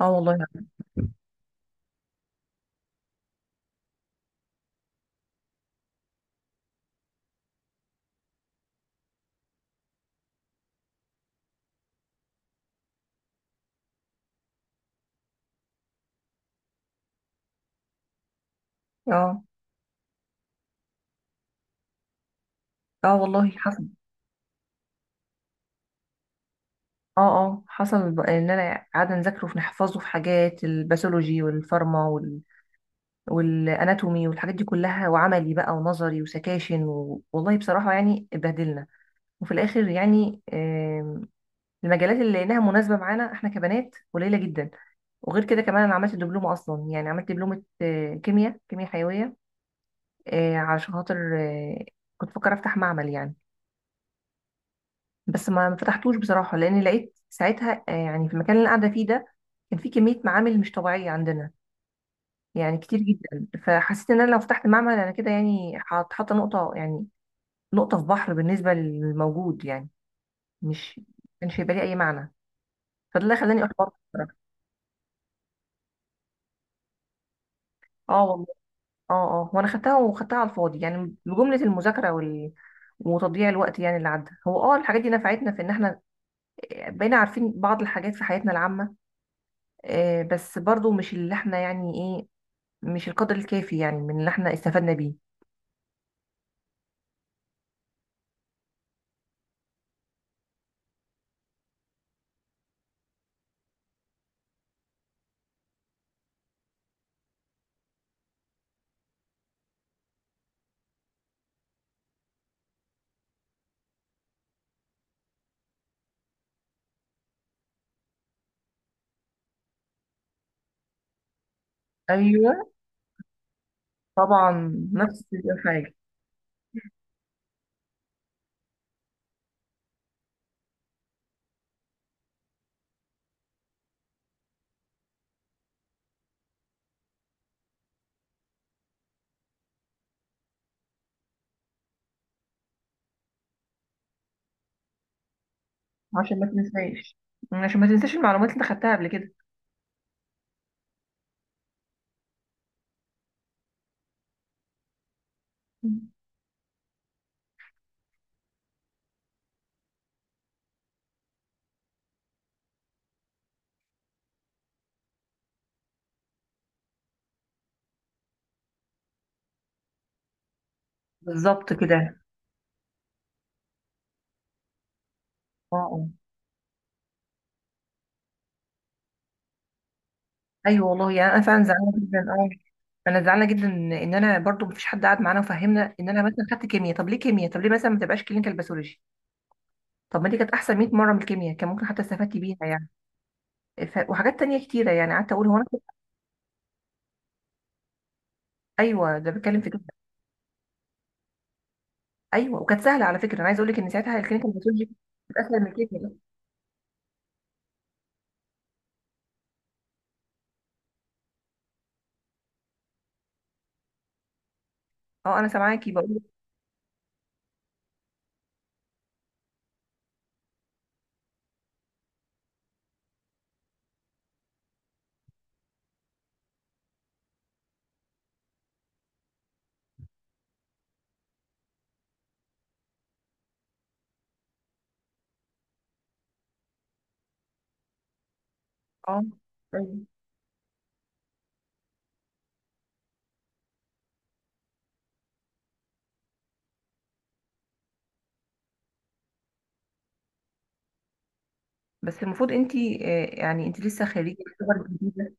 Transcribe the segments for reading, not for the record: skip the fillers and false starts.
اه والله. اه اه والله حصل. اه اه حصل ان انا قاعده نذاكره في نحفظه في حاجات الباثولوجي والفارما وال والاناتومي والحاجات دي كلها وعملي بقى ونظري وسكاشن و والله بصراحه يعني اتبهدلنا. وفي الاخر يعني المجالات اللي لقيناها مناسبه معانا احنا كبنات قليله جدا. وغير كده كمان انا عملت دبلومه اصلا، يعني عملت دبلومه كيمياء حيويه. علشان خاطر كنت بفكر افتح معمل يعني. بس ما فتحتوش بصراحة، لأن لقيت ساعتها، يعني في المكان اللي أنا قاعدة فيه ده كان في كمية معامل مش طبيعية عندنا، يعني كتير جدا. فحسيت إن أنا لو فتحت معمل أنا كده يعني حاطة نقطة يعني، نقطة في بحر بالنسبة للموجود يعني. مش كانش هيبقى ليه أي معنى. فده اللي خلاني أحبط. اه والله. اه اه وأنا خدتها، وخدتها على الفاضي يعني بجملة المذاكرة وال وتضييع الوقت. يعني اللي عدى هو اه الحاجات دي نفعتنا في ان احنا بقينا عارفين بعض الحاجات في حياتنا العامة. بس برضو مش اللي احنا يعني إيه، مش القدر الكافي يعني من اللي احنا استفدنا بيه. ايوه، طبعا. نفس الحاجه. عشان ما تنساش، عشان ما تنساش المعلومات اللي انت خدتها قبل كده. بالظبط كده. اه آه. ايوه والله، يعني انا فعلا زعلانه جدا. اه انا زعلانه جدا ان انا برضو مفيش حد قعد معانا وفهمنا ان انا مثلا خدت كيمياء. طب ليه كيمياء؟ طب ليه مثلا ما تبقاش كلينيكال باثولوجي؟ طب ما دي كانت احسن 100 مره من الكيمياء، كان ممكن حتى استفدت بيها يعني. ف وحاجات تانية كتيره يعني قعدت اقول هو ايوه ده بتكلم في كده. ايوه، وكانت سهله على فكره، انا عايزه اقول لك ان ساعتها الكلينيكال باثولوجي كانت اسهل من الكيمياء. اه انا سامعاكي، بقول لك اه أيوة. بس المفروض انت يعني انت لسه خريجه يعتبر جديده.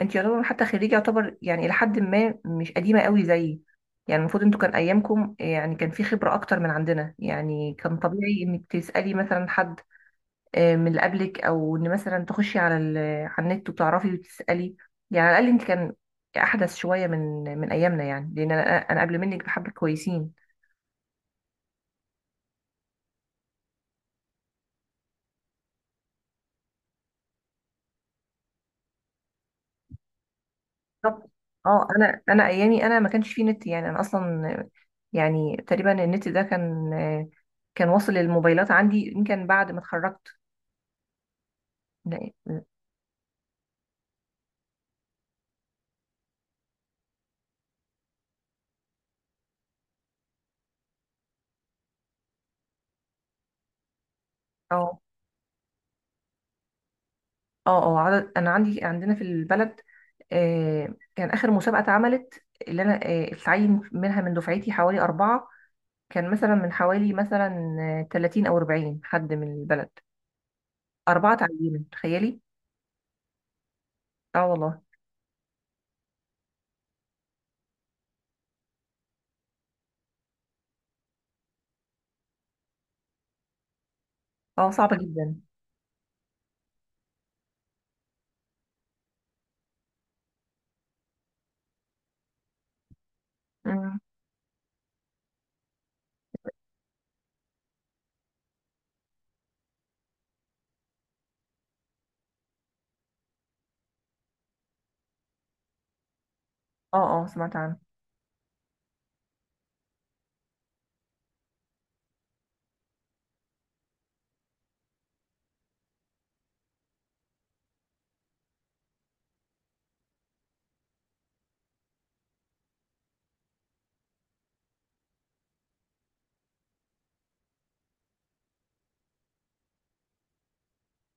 انت يعتبر حتى خريجه يعتبر يعني الى حد ما مش قديمه قوي زيي. يعني المفروض انتوا كان ايامكم يعني كان في خبره اكتر من عندنا. يعني كان طبيعي انك تسالي مثلا حد من اللي قبلك، او ان مثلا تخشي على على النت وتعرفي وتسالي. يعني على الاقل انت كان احدث شويه من ايامنا، يعني لان انا قبل منك بحبه كويسين. بالظبط. اه انا ايامي انا ما كانش فيه نت. يعني انا اصلا يعني تقريبا النت ده كان واصل للموبايلات عندي يمكن بعد ما اتخرجت. لا- اه اه. اه عدد، انا عندي عندنا في البلد كان اخر مسابقه اتعملت اللي انا اتعين منها من دفعتي حوالي اربعه. كان مثلا من حوالي مثلا 30 او 40 حد من البلد اربعه تعينوا، تخيلي. اه والله. اه صعبه جدا. مم. اه اه سمعت عنها.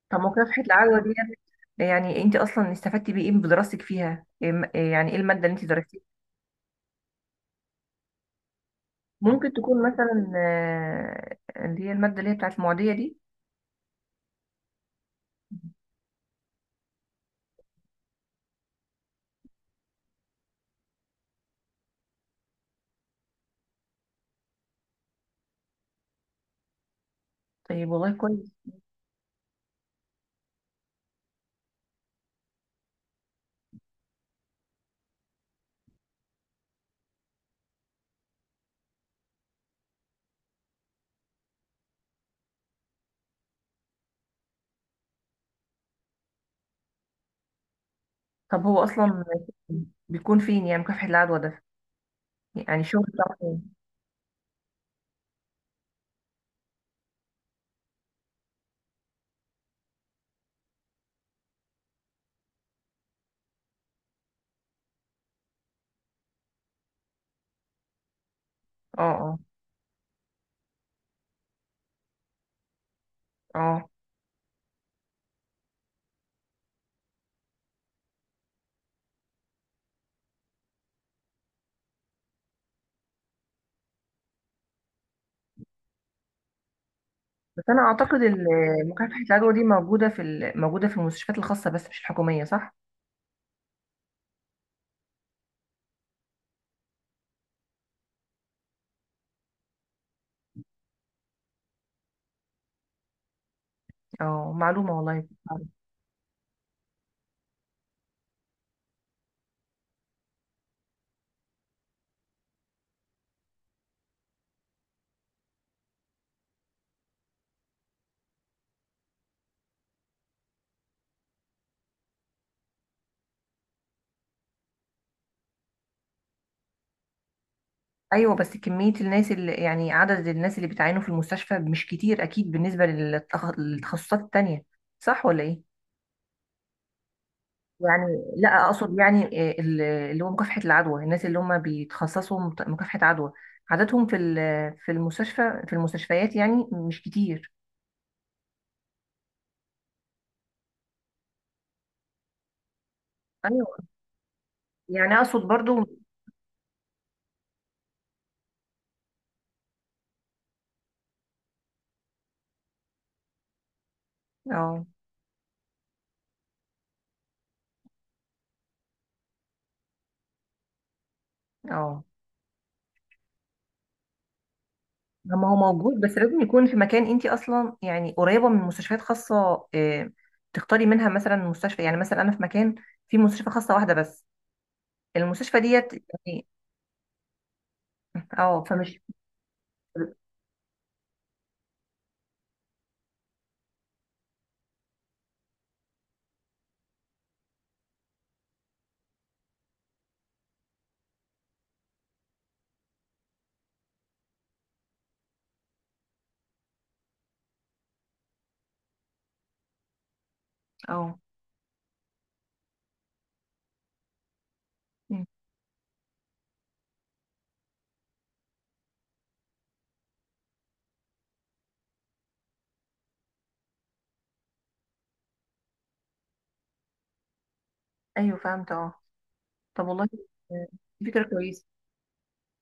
طب مكافحة العدوى دي يعني انت اصلا استفدتي بايه بدراستك فيها؟ إيه إيه يعني ايه المادة اللي انت درستيها؟ ممكن تكون مثلا اللي هي المادة اللي هي بتاعت المعدية دي؟ طيب، والله كويس. طب هو اصلا بيكون فين يعني مكافحة العدوى ده؟ يعني شغل بتاعه فين؟ اه اه اه. بس انا اعتقد مكافحة العدوى دي موجودة في موجودة في المستشفيات الخاصة بس مش الحكومية، صح؟ اه معلومة والله. ايوه بس كميه الناس اللي يعني عدد الناس اللي بتعانوا في المستشفى مش كتير اكيد بالنسبه للتخصصات التانية، صح ولا ايه؟ يعني لا اقصد يعني اللي هو مكافحه العدوى، الناس اللي هم بيتخصصوا مكافحه عدوى عددهم في في المستشفى في المستشفيات يعني مش كتير. ايوه يعني اقصد برضو. اه اه ما هو موجود بس لازم يكون في مكان انت اصلا يعني قريبه من مستشفيات خاصه تختاري منها مثلا مستشفى. يعني مثلا انا في مكان في مستشفى خاصه واحده بس، المستشفى ديت يعني. اه فمش اه. مم. ايوه فهمت اه. طب والله آه، دي فكره كويسه.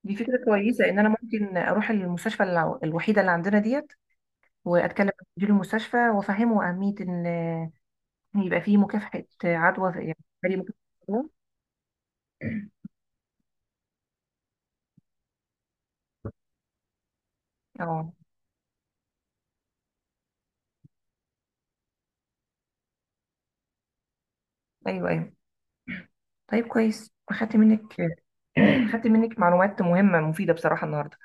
دي فكره كويسه ان انا ممكن اروح المستشفى الوحيده اللي عندنا ديت واتكلم مع مدير المستشفى وافهمه اهميه ان يبقى فيه مكافحه عدوى يعني فريق مكافحه عدوى. اه ايوه ايوه. طيب كويس، اخدت منك اخدت منك معلومات مهمه مفيده بصراحه النهارده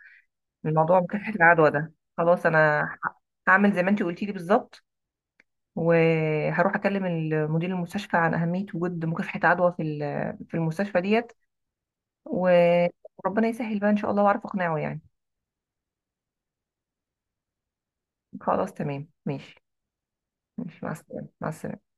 من موضوع مكافحه العدوى ده. خلاص انا هعمل زي ما انت قلتي لي بالظبط، وهروح اكلم مدير المستشفى عن اهميه وجود مكافحه عدوى في في المستشفى ديت و- وربنا يسهل بقى ان شاء الله واعرف اقنعه يعني. خلاص تمام ماشي. ماشي مع السلامه، مع السلامه.